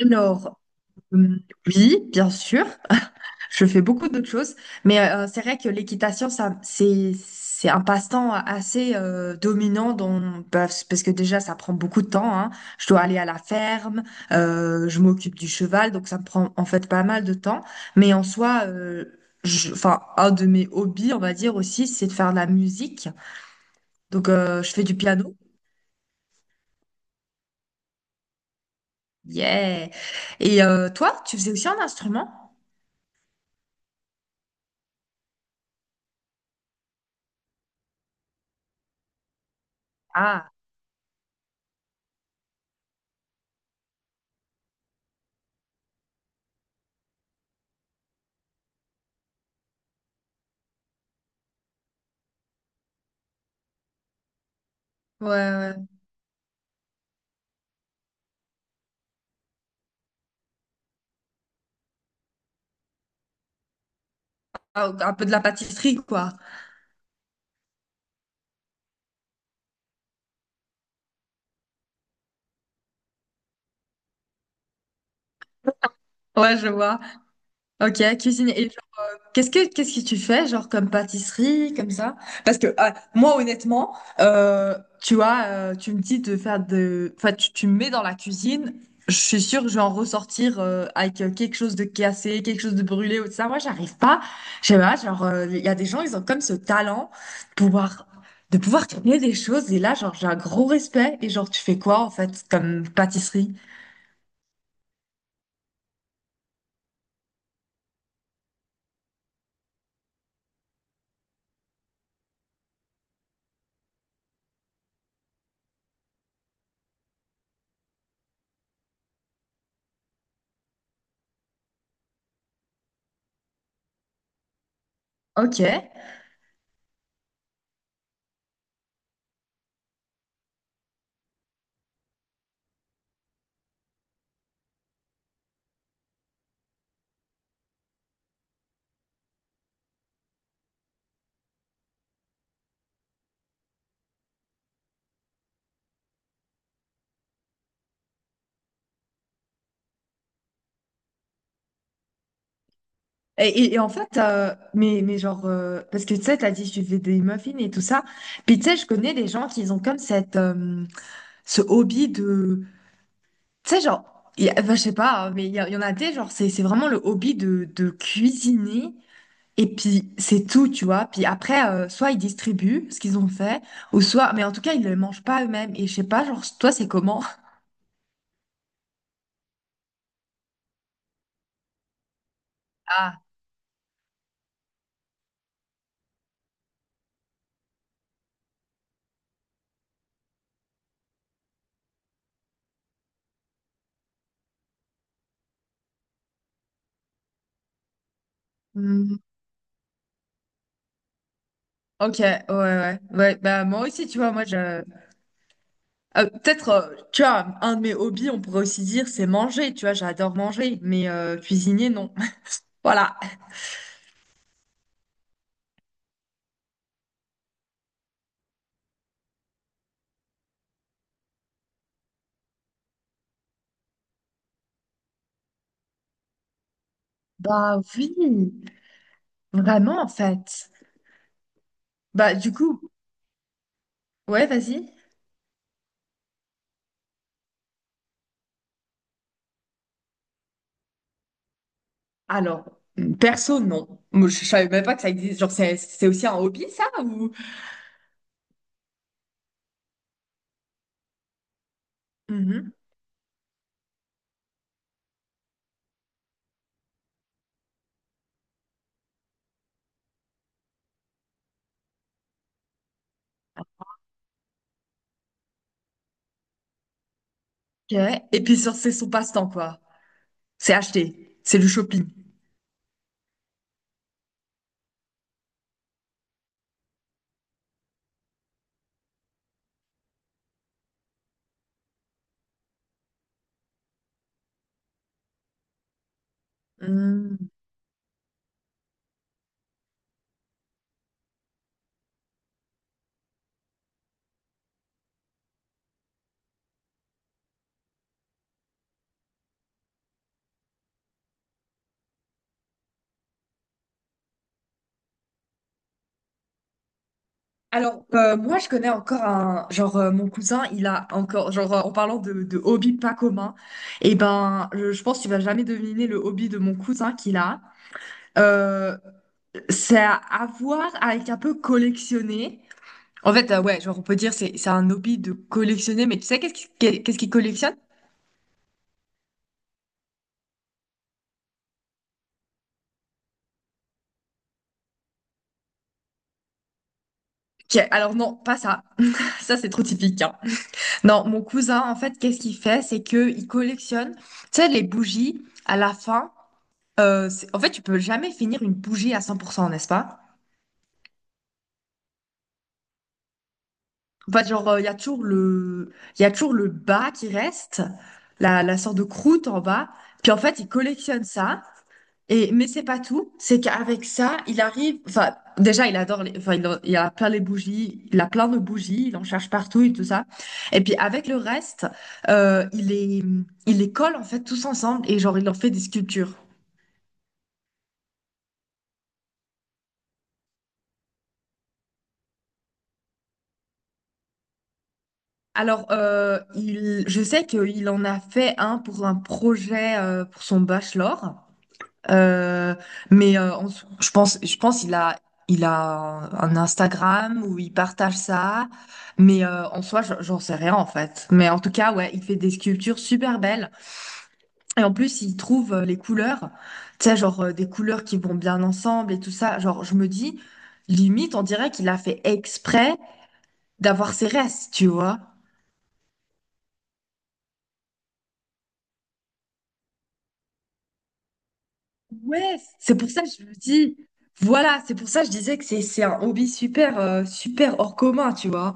Alors, hum, oui, bien sûr, je fais beaucoup d'autres choses, mais c'est vrai que l'équitation, ça, c'est un passe-temps assez dominant dans, parce que déjà, ça prend beaucoup de temps, hein. Je dois aller à la ferme, je m'occupe du cheval, donc ça me prend en fait pas mal de temps, mais en soi, enfin, un de mes hobbies, on va dire aussi, c'est de faire de la musique. Donc, je fais du piano, yeah! Et toi, tu faisais aussi un instrument? Ah, ouais, ouais, ouais. Ah, un peu de la pâtisserie, quoi. Ouais, je vois. Ok, cuisine. Et genre, qu'est-ce que tu fais, genre comme pâtisserie, comme ça? Parce que ah, moi, honnêtement, tu vois, tu me dis de faire de, enfin, tu me mets dans la cuisine. Je suis sûre que je vais en ressortir avec quelque chose de cassé, quelque chose de brûlé ou tout ça. Moi, j'arrive pas. Je sais pas. Genre, il y a des gens, ils ont comme ce talent de pouvoir de pouvoir créer des choses. Et là, genre, j'ai un gros respect. Et genre, tu fais quoi en fait comme pâtisserie? Ok. Et en fait, mais genre, parce que tu sais, t'as dit, je fais des muffins et tout ça. Puis tu sais, je connais des gens qui ont comme cette, ce hobby de. Tu sais, genre, enfin, je sais pas, hein, mais il y en a des, genre, c'est vraiment le hobby de cuisiner. Et puis, c'est tout, tu vois. Puis après, soit ils distribuent ce qu'ils ont fait, ou soit. Mais en tout cas, ils ne le mangent pas eux-mêmes. Et je sais pas, genre, toi, c'est comment? Ah, hmm, ok, ouais, ouais. Ouais, bah, moi aussi, tu vois, moi, je. Peut-être, tu vois, un de mes hobbies, on pourrait aussi dire, c'est manger, tu vois, j'adore manger, mais cuisiner, non. Voilà. Bah oui, vraiment en fait. Bah du coup, ouais, vas-y. Alors, perso, non. Moi, je savais même pas que ça existe. Genre, c'est aussi un hobby, ça, ou... Mhm. Ok. Et puis, c'est son passe-temps, quoi. C'est acheter, c'est du shopping. Alors, moi, je connais encore un, genre, mon cousin, il a encore, genre, en parlant de hobby pas commun, et ben, je pense que tu vas jamais deviner le hobby de mon cousin qu'il a. Euh, c'est à voir avec un peu collectionner. En fait, ouais, genre, on peut dire c'est un hobby de collectionner, mais tu sais qu'est-ce qu'il collectionne? Ok, alors non, pas ça. Ça, c'est trop typique, hein. Non, mon cousin, en fait, qu'est-ce qu'il fait? C'est que il collectionne, tu sais, les bougies à la fin. En fait, tu peux jamais finir une bougie à 100%, n'est-ce pas? En fait, genre, il y a toujours le, il y a toujours le bas qui reste, la sorte de croûte en bas. Puis en fait, il collectionne ça. Et, mais c'est pas tout. C'est qu'avec ça, il arrive, enfin, déjà, il adore les, enfin, il a plein les bougies, il a plein de bougies, il en cherche partout et tout ça. Et puis, avec le reste, euh, il les, il les colle, en fait, tous ensemble et genre, il en fait des sculptures. Alors, il, je sais qu'il en a fait un pour un projet pour son bachelor. Euh, mais je pense qu'il a, il a un Instagram où il partage ça, mais en soi, j'en sais rien en fait. Mais en tout cas, ouais, il fait des sculptures super belles et en plus, il trouve les couleurs, tu sais, genre des couleurs qui vont bien ensemble et tout ça. Genre, je me dis, limite, on dirait qu'il a fait exprès d'avoir ses restes, tu vois. Ouais, c'est pour ça que je me dis, voilà, c'est pour ça que je disais que c'est un hobby super super hors commun, tu vois.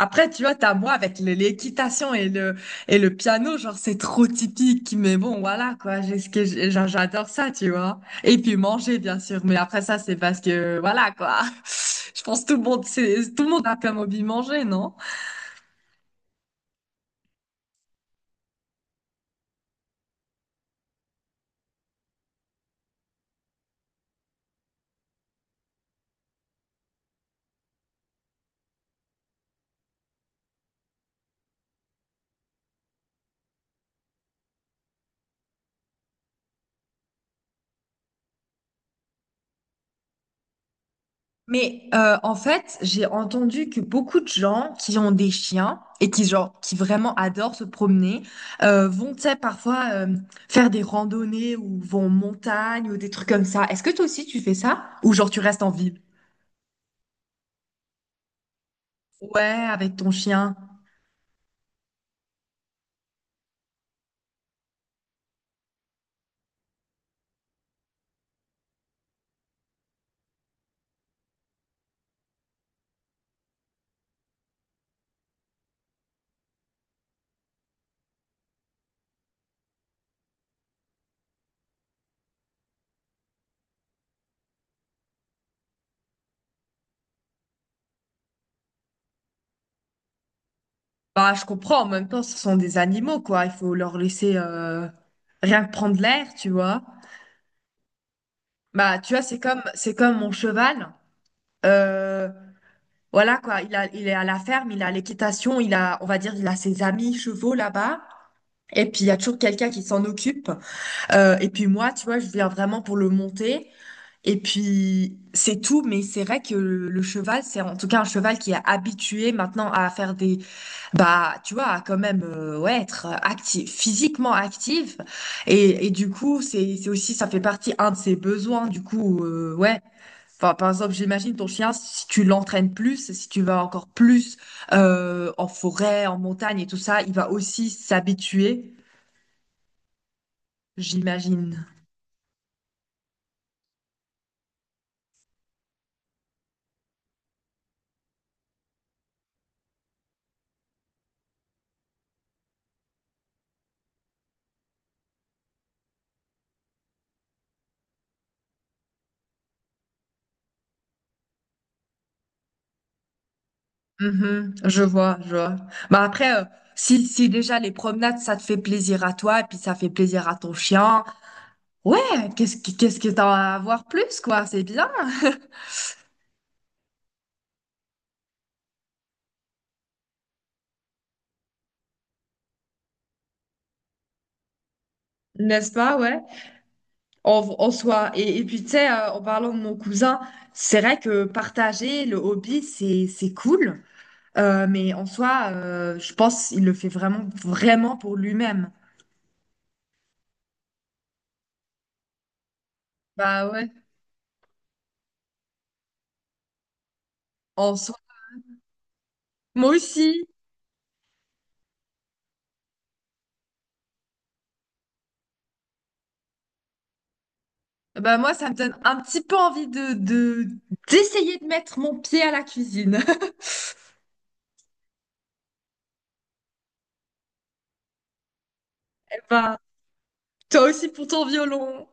Après, tu vois, t'as moi avec l'équitation et le piano, genre c'est trop typique, mais bon, voilà quoi, j'ai ce que j'ai- genre, j'adore ça, tu vois. Et puis manger bien sûr, mais après ça c'est parce que voilà quoi. Je pense que tout le monde a comme hobby manger, non? Mais en fait, j'ai entendu que beaucoup de gens qui ont des chiens et qui genre qui vraiment adorent se promener vont tu sais, parfois faire des randonnées ou vont en montagne ou des trucs comme ça. Est-ce que toi aussi tu fais ça? Ou genre tu restes en ville? Ouais, avec ton chien. Bah je comprends, en même temps ce sont des animaux quoi, il faut leur laisser rien que prendre l'air, tu vois. Bah tu vois, c'est comme mon cheval. Euh, Voilà quoi, il est à la ferme, il a l'équitation, il a, on va dire, il a ses amis chevaux là-bas. Et puis il y a toujours quelqu'un qui s'en occupe. Et puis moi, tu vois, je viens vraiment pour le monter. Et puis c'est tout, mais c'est vrai que le cheval, c'est en tout cas un cheval qui est habitué maintenant à faire des bah, tu vois, à quand même ouais, être actif, physiquement actif. Et du coup, c'est aussi, ça fait partie un de ses besoins. Du coup, ouais. Enfin, par exemple, j'imagine ton chien, si tu l'entraînes plus, si tu vas encore plus en forêt, en montagne et tout ça, il va aussi s'habituer, j'imagine. Mhm, je vois. Bah après, si, si déjà les promenades, ça te fait plaisir à toi, et puis ça fait plaisir à ton chien, ouais, qu'est-ce que t'en as à voir plus, quoi? C'est bien. N'est-ce pas, ouais? En, en soi. Et puis, tu sais, en parlant de mon cousin, c'est vrai que partager le hobby, c'est cool. Mais en soi, je pense qu'il le fait vraiment pour lui-même. Bah ouais, en soi. Moi aussi. Bah moi, ça me donne un petit peu envie d'essayer de mettre mon pied à la cuisine. Bah, toi aussi pour ton violon.